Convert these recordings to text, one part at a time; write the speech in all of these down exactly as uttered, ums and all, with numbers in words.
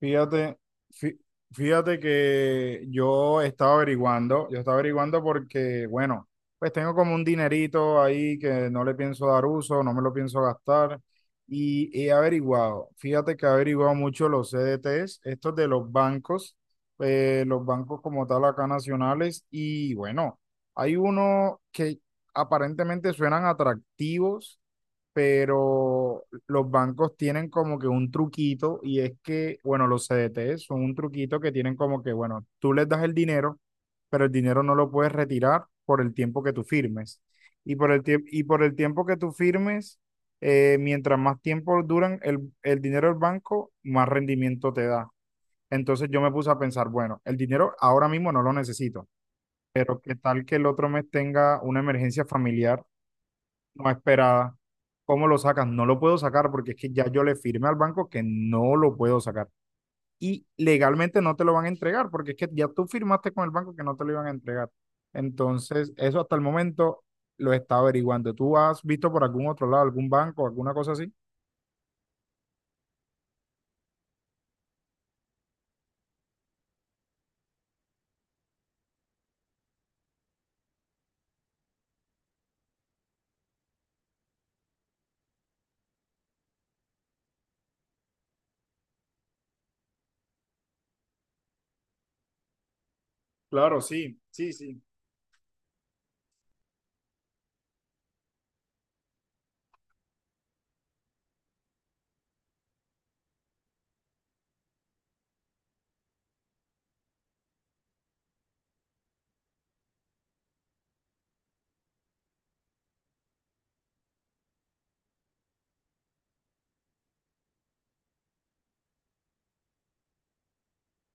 Fíjate, fí- fíjate que yo estaba averiguando, yo estaba averiguando porque, bueno, pues tengo como un dinerito ahí que no le pienso dar uso, no me lo pienso gastar y he averiguado, fíjate que he averiguado mucho los C D Ts, estos de los bancos, eh, los bancos como tal acá nacionales y bueno, hay uno que aparentemente suenan atractivos pero los bancos tienen como que un truquito y es que, bueno, los C D T son un truquito que tienen como que, bueno, tú les das el dinero, pero el dinero no lo puedes retirar por el tiempo que tú firmes. Y por el tiempo, y por el tiempo que tú firmes, eh, mientras más tiempo duran el, el dinero del banco, más rendimiento te da. Entonces yo me puse a pensar, bueno, el dinero ahora mismo no lo necesito, pero qué tal que el otro mes tenga una emergencia familiar no esperada. ¿Cómo lo sacan? No lo puedo sacar porque es que ya yo le firmé al banco que no lo puedo sacar. Y legalmente no te lo van a entregar porque es que ya tú firmaste con el banco que no te lo iban a entregar. Entonces, eso hasta el momento lo está averiguando. ¿Tú has visto por algún otro lado, algún banco, alguna cosa así? Claro, sí, sí, sí.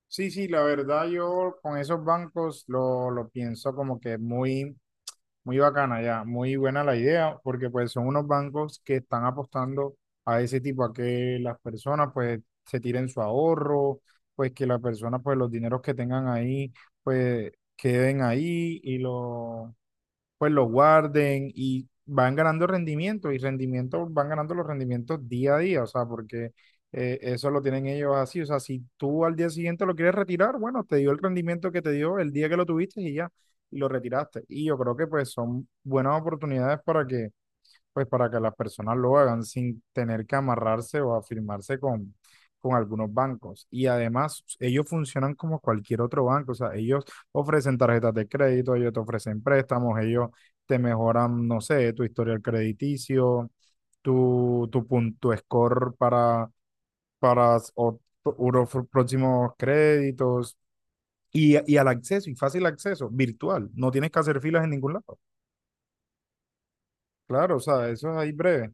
Sí, sí, la verdad yo con esos bancos lo, lo pienso como que muy... Muy bacana ya, muy buena la idea, porque pues son unos bancos que están apostando a ese tipo, a que las personas pues se tiren su ahorro, pues que las personas pues los dineros que tengan ahí pues queden ahí y lo pues lo guarden y van ganando rendimiento y rendimiento, van ganando los rendimientos día a día, o sea, porque eh, eso lo tienen ellos así, o sea, si tú al día siguiente lo quieres retirar, bueno, te dio el rendimiento que te dio el día que lo tuviste y ya, y lo retiraste. Y yo creo que pues son buenas oportunidades para que pues para que las personas lo hagan sin tener que amarrarse o afirmarse con, con algunos bancos. Y además, ellos funcionan como cualquier otro banco, o sea, ellos ofrecen tarjetas de crédito, ellos te ofrecen préstamos, ellos te mejoran, no sé, tu historial crediticio, tu, tu, pun- tu score para, para o- uro- próximos créditos. Y, y al acceso, y fácil acceso, virtual. No tienes que hacer filas en ningún lado. Claro, o sea, eso es ahí breve.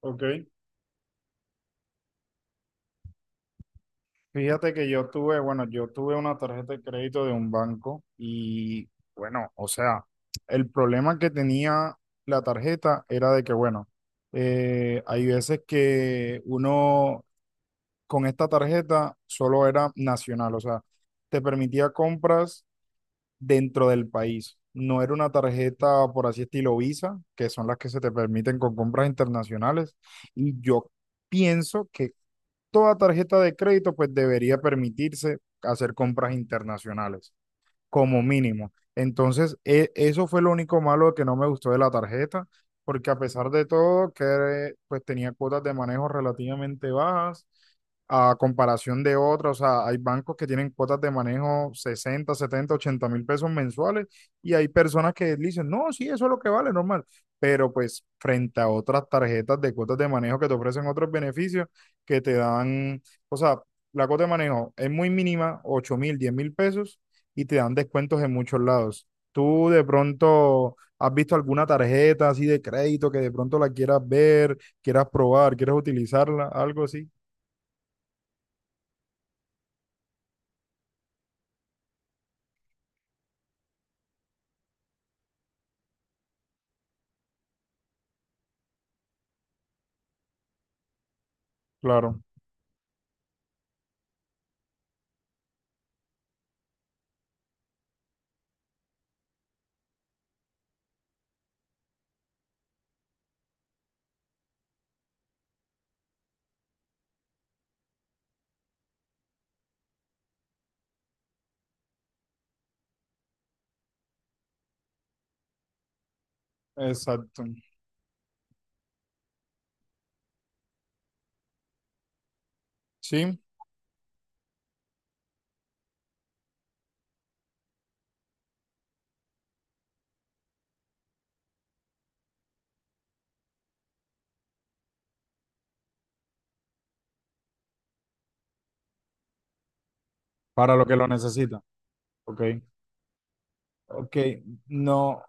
Ok. Fíjate que yo tuve, bueno, yo tuve una tarjeta de crédito de un banco y bueno, o sea, el problema que tenía la tarjeta era de que, bueno, eh, hay veces que uno con esta tarjeta solo era nacional, o sea, te permitía compras dentro del país. No era una tarjeta, por así estilo Visa, que son las que se te permiten con compras internacionales. Y yo pienso que toda tarjeta de crédito pues debería permitirse hacer compras internacionales como mínimo. Entonces, e- eso fue lo único malo que no me gustó de la tarjeta, porque a pesar de todo, que pues tenía cuotas de manejo relativamente bajas a comparación de otras, o sea, hay bancos que tienen cuotas de manejo sesenta, setenta, ochenta mil pesos mensuales y hay personas que dicen, no, sí, eso es lo que vale, normal, pero pues frente a otras tarjetas de cuotas de manejo que te ofrecen otros beneficios que te dan, o sea, la cuota de manejo es muy mínima, ocho mil, diez mil pesos y te dan descuentos en muchos lados. ¿Tú de pronto has visto alguna tarjeta así de crédito que de pronto la quieras ver, quieras probar, quieras utilizarla, algo así? Claro, exacto. Sí, para lo que lo necesita. Ok, ok, no.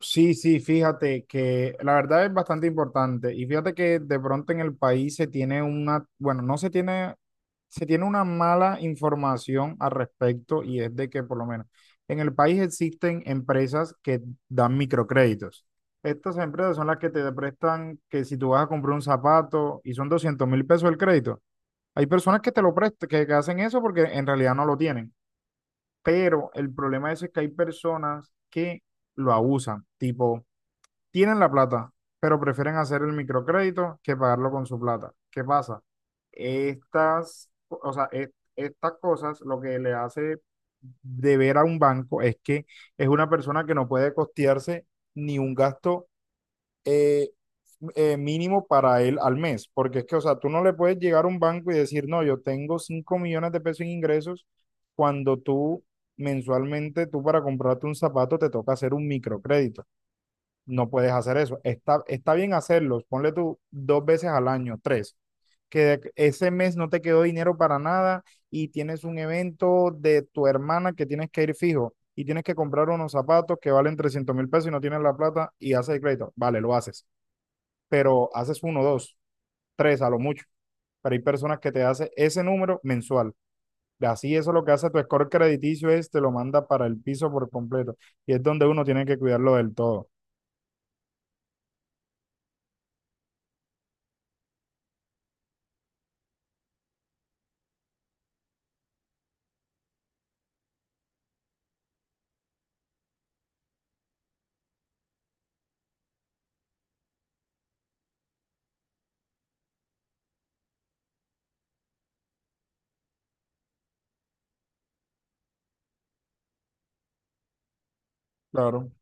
Sí, sí, fíjate que la verdad es bastante importante y fíjate que de pronto en el país se tiene una, bueno, no se tiene, se tiene una mala información al respecto y es de que por lo menos en el país existen empresas que dan microcréditos. Estas empresas son las que te prestan que si tú vas a comprar un zapato y son doscientos mil pesos el crédito, hay personas que te lo prestan, que, que hacen eso porque en realidad no lo tienen, pero el problema es que hay personas que lo abusan, tipo... Tienen la plata, pero prefieren hacer el microcrédito que pagarlo con su plata. ¿Qué pasa? Estas, o sea, e- Estas cosas lo que le hace deber a un banco es que es una persona que no puede costearse ni un gasto eh, eh, mínimo para él al mes, porque es que, o sea, tú no le puedes llegar a un banco y decir, no, yo tengo cinco millones de pesos en ingresos cuando tú mensualmente, tú para comprarte un zapato te toca hacer un microcrédito. No puedes hacer eso. Está, está bien hacerlos. Ponle tú dos veces al año, tres. Que de- ese mes no te quedó dinero para nada y tienes un evento de tu hermana que tienes que ir fijo y tienes que comprar unos zapatos que valen trescientos mil pesos y no tienes la plata y haces el crédito. Vale, lo haces. Pero haces uno, dos, tres a lo mucho. Pero hay personas que te hacen ese número mensual. Así eso lo que hace tu score crediticio es te lo manda para el piso por completo. Y es donde uno tiene que cuidarlo del todo. Claro,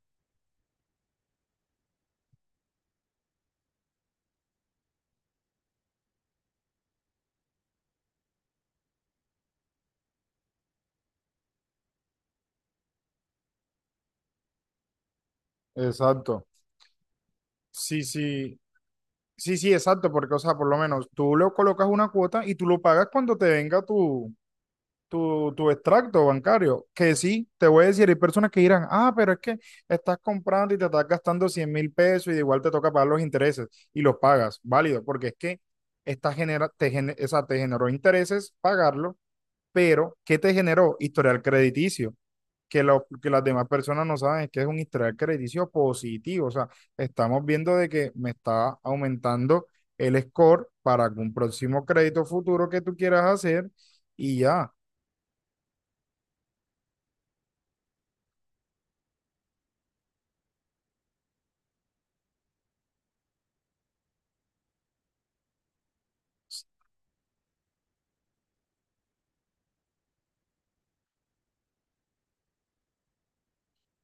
exacto. Sí, sí, sí, sí, exacto, porque, o sea, por lo menos tú le colocas una cuota y tú lo pagas cuando te venga tu, tu, tu extracto bancario, que sí, te voy a decir, hay personas que dirán, ah, pero es que estás comprando y te estás gastando cien mil pesos y de igual te toca pagar los intereses y los pagas, válido, porque es que esta genera, te, gene- o sea, te generó intereses pagarlo, pero ¿qué te generó? Historial crediticio que, lo- que las demás personas no saben es que es un historial crediticio positivo. O sea, estamos viendo de que me está aumentando el score para algún próximo crédito futuro que tú quieras hacer y ya.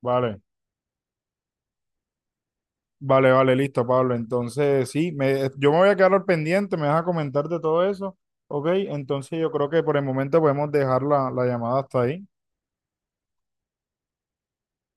Vale, vale, vale, listo, Pablo. Entonces, sí, me, yo me voy a quedar al pendiente, me vas a comentar de todo eso. Ok, entonces yo creo que por el momento podemos dejar la la llamada hasta ahí.